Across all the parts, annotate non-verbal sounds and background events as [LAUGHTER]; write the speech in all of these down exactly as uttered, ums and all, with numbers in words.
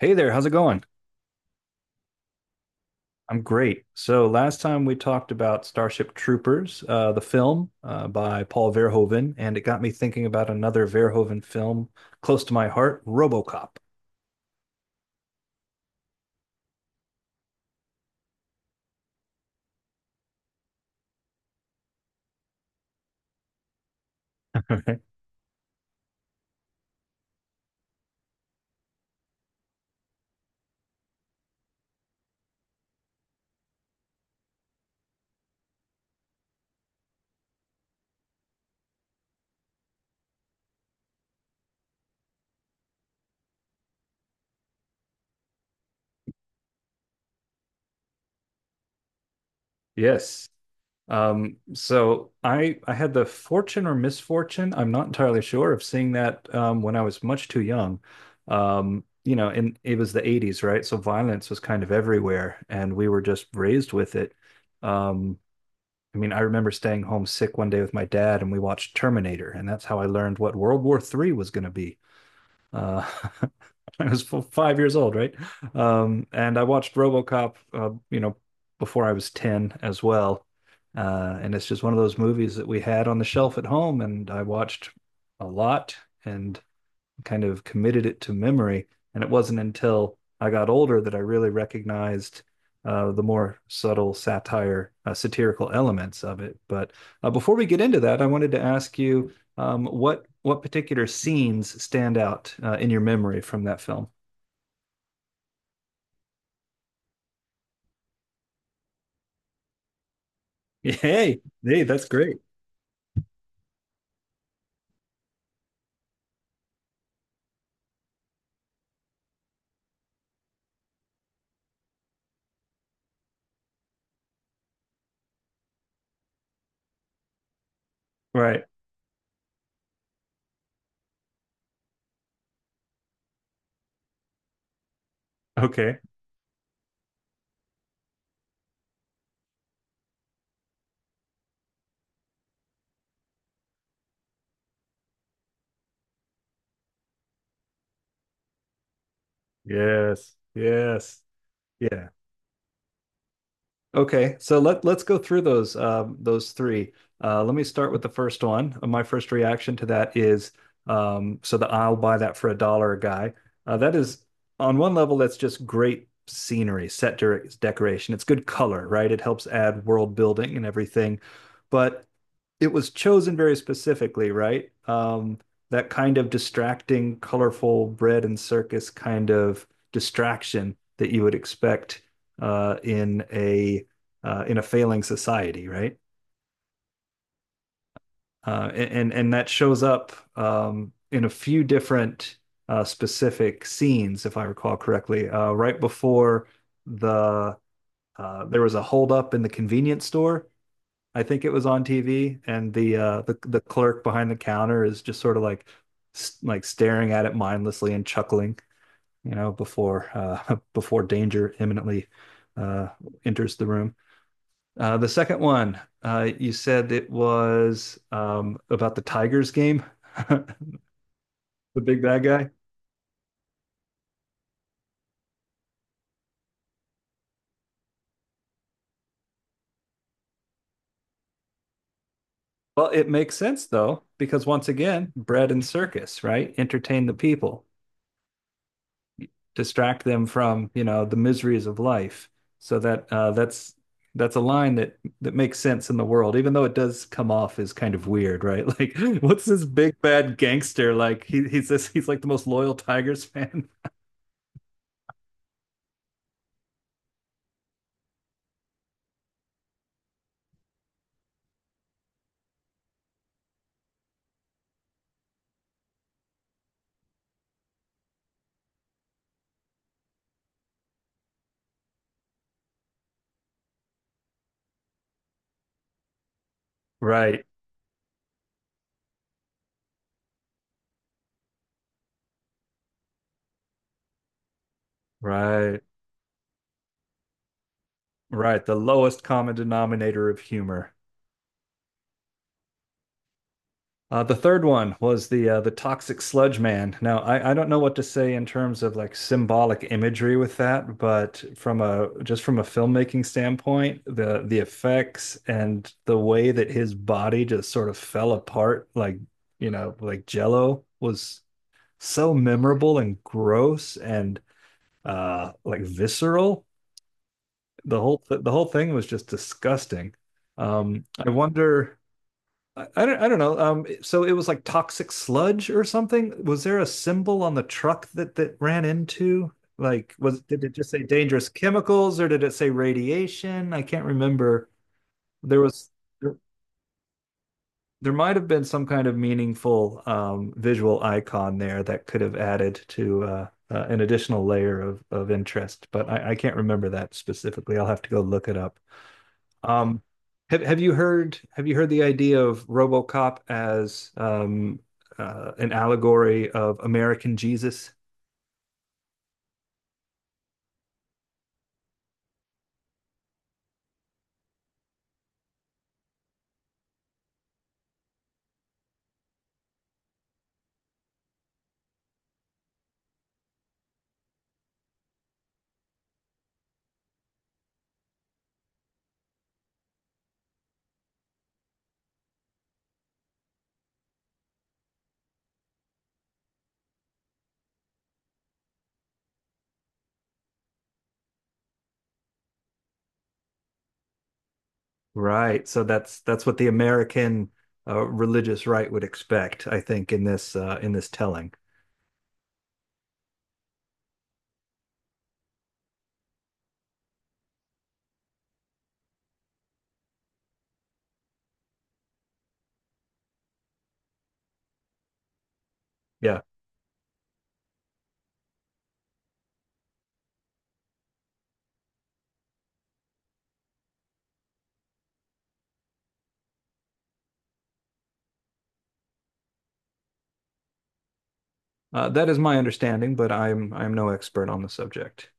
Hey there, how's it going? I'm great. So last time we talked about Starship Troopers, uh, the film uh, by Paul Verhoeven, and it got me thinking about another Verhoeven film close to my heart, RoboCop. [LAUGHS] Yes. Um, so I I had the fortune or misfortune, I'm not entirely sure, of seeing that um, when I was much too young. Um, you know, and it was the eighties, right? So violence was kind of everywhere, and we were just raised with it. Um, I mean, I remember staying home sick one day with my dad, and we watched Terminator, and that's how I learned what World War three was going to be. Uh, [LAUGHS] I was five years old, right? Um, and I watched RoboCop, uh, you know, before I was ten as well. Uh, and it's just one of those movies that we had on the shelf at home, and I watched a lot. And kind of committed it to memory. And it wasn't until I got older that I really recognized uh, the more subtle satire, uh, satirical elements of it. But uh, before we get into that, I wanted to ask you um, what what particular scenes stand out uh, in your memory from that film? [LAUGHS] Hey, hey, that's great. Right. Okay. Yes. Yes. Yeah. Okay, so let let's go through those um, those three. Uh, let me start with the first one. Uh, My first reaction to that is um, so the I'll buy that for a dollar guy. Uh, that is on one level that's just great scenery, set de decoration. It's good color, right? It helps add world building and everything, but it was chosen very specifically, right? Um, that kind of distracting, colorful bread and circus kind of distraction that you would expect uh, in a uh, in a failing society, right? Uh, and and that shows up um, in a few different uh, specific scenes, if I recall correctly. Uh, right before the uh, there was a holdup in the convenience store. I think it was on T V, and the uh, the the clerk behind the counter is just sort of like like staring at it mindlessly and chuckling, you know, before uh, [LAUGHS] before danger imminently uh, enters the room. Uh, the second one, uh, you said it was um, about the Tigers game, [LAUGHS] the big bad guy. Well, it makes sense though, because once again, bread and circus, right? Entertain the people, distract them from you know the miseries of life. So that uh, that's that's a line that that makes sense in the world, even though it does come off as kind of weird, right? [LAUGHS] Like, what's this big bad gangster like? He, he's this he's like the most loyal Tigers fan, [LAUGHS] right? Right. Right, the lowest common denominator of humor. Uh, the third one was the uh, the toxic sludge man. Now, I, I don't know what to say in terms of like symbolic imagery with that, but from a just from a filmmaking standpoint, the the effects and the way that his body just sort of fell apart, like you know, like Jello, was so memorable and gross and uh, like visceral. The whole th the whole thing was just disgusting. Um, I wonder I, don't I don't know. Um, so it was like toxic sludge or something. Was there a symbol on the truck that that ran into? Like, was did it just say dangerous chemicals or did it say radiation? I can't remember. There was there, there might have been some kind of meaningful um, visual icon there that could have added to uh, uh, an additional layer of of interest, but I, I can't remember that specifically. I'll have to go look it up. Um, have have you heard have you heard the idea of RoboCop as um, uh, an allegory of American Jesus? Right. So that's that's what the American uh, religious right would expect, I think, in this uh, in this telling. Yeah, uh, that is my understanding, but I'm I'm no expert on the subject.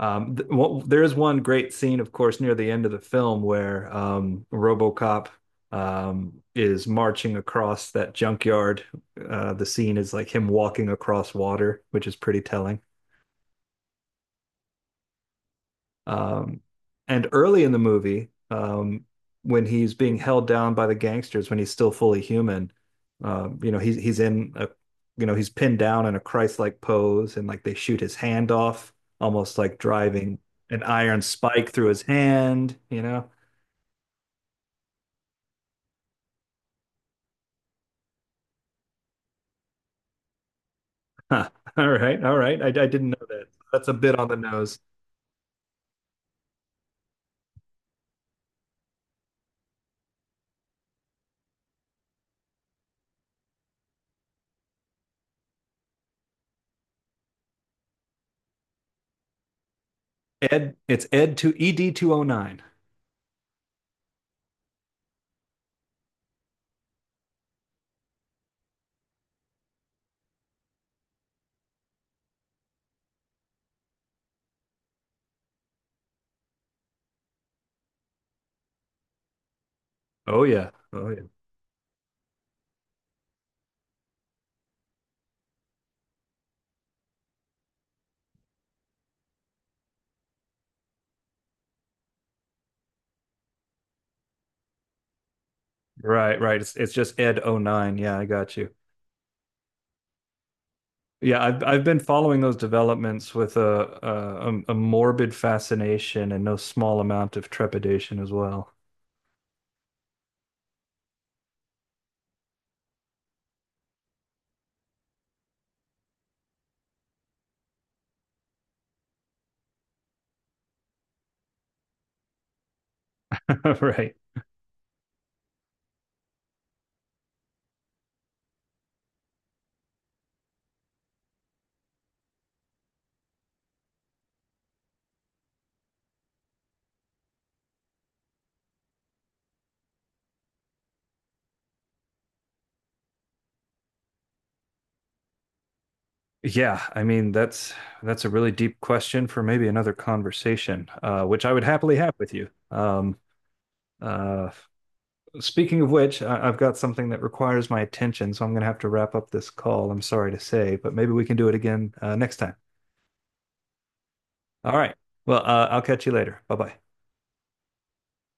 Um, th Well, there is one great scene, of course, near the end of the film where um, RoboCop um, is marching across that junkyard. Uh, the scene is like him walking across water, which is pretty telling. Um, and early in the movie, um, when he's being held down by the gangsters, when he's still fully human, uh, you know, he's he's in a, you know, he's pinned down in a Christ-like pose, and like they shoot his hand off, almost like driving an iron spike through his hand. You know, [LAUGHS] huh. All right, all right. I, I didn't know that. That's a bit on the nose. Ed, it's Ed to E D two oh nine. Oh nine. Oh yeah. Oh yeah. Right, right. It's it's just Ed oh nine. Yeah, I got you. Yeah, I've I've been following those developments with a a, a morbid fascination and no small amount of trepidation as well. [LAUGHS] Right. Yeah, I mean that's that's a really deep question for maybe another conversation, uh, which I would happily have with you. Um, uh, Speaking of which, I, I've got something that requires my attention, so I'm going to have to wrap up this call. I'm sorry to say, but maybe we can do it again uh, next time. All right. Well, uh, I'll catch you later. Bye bye.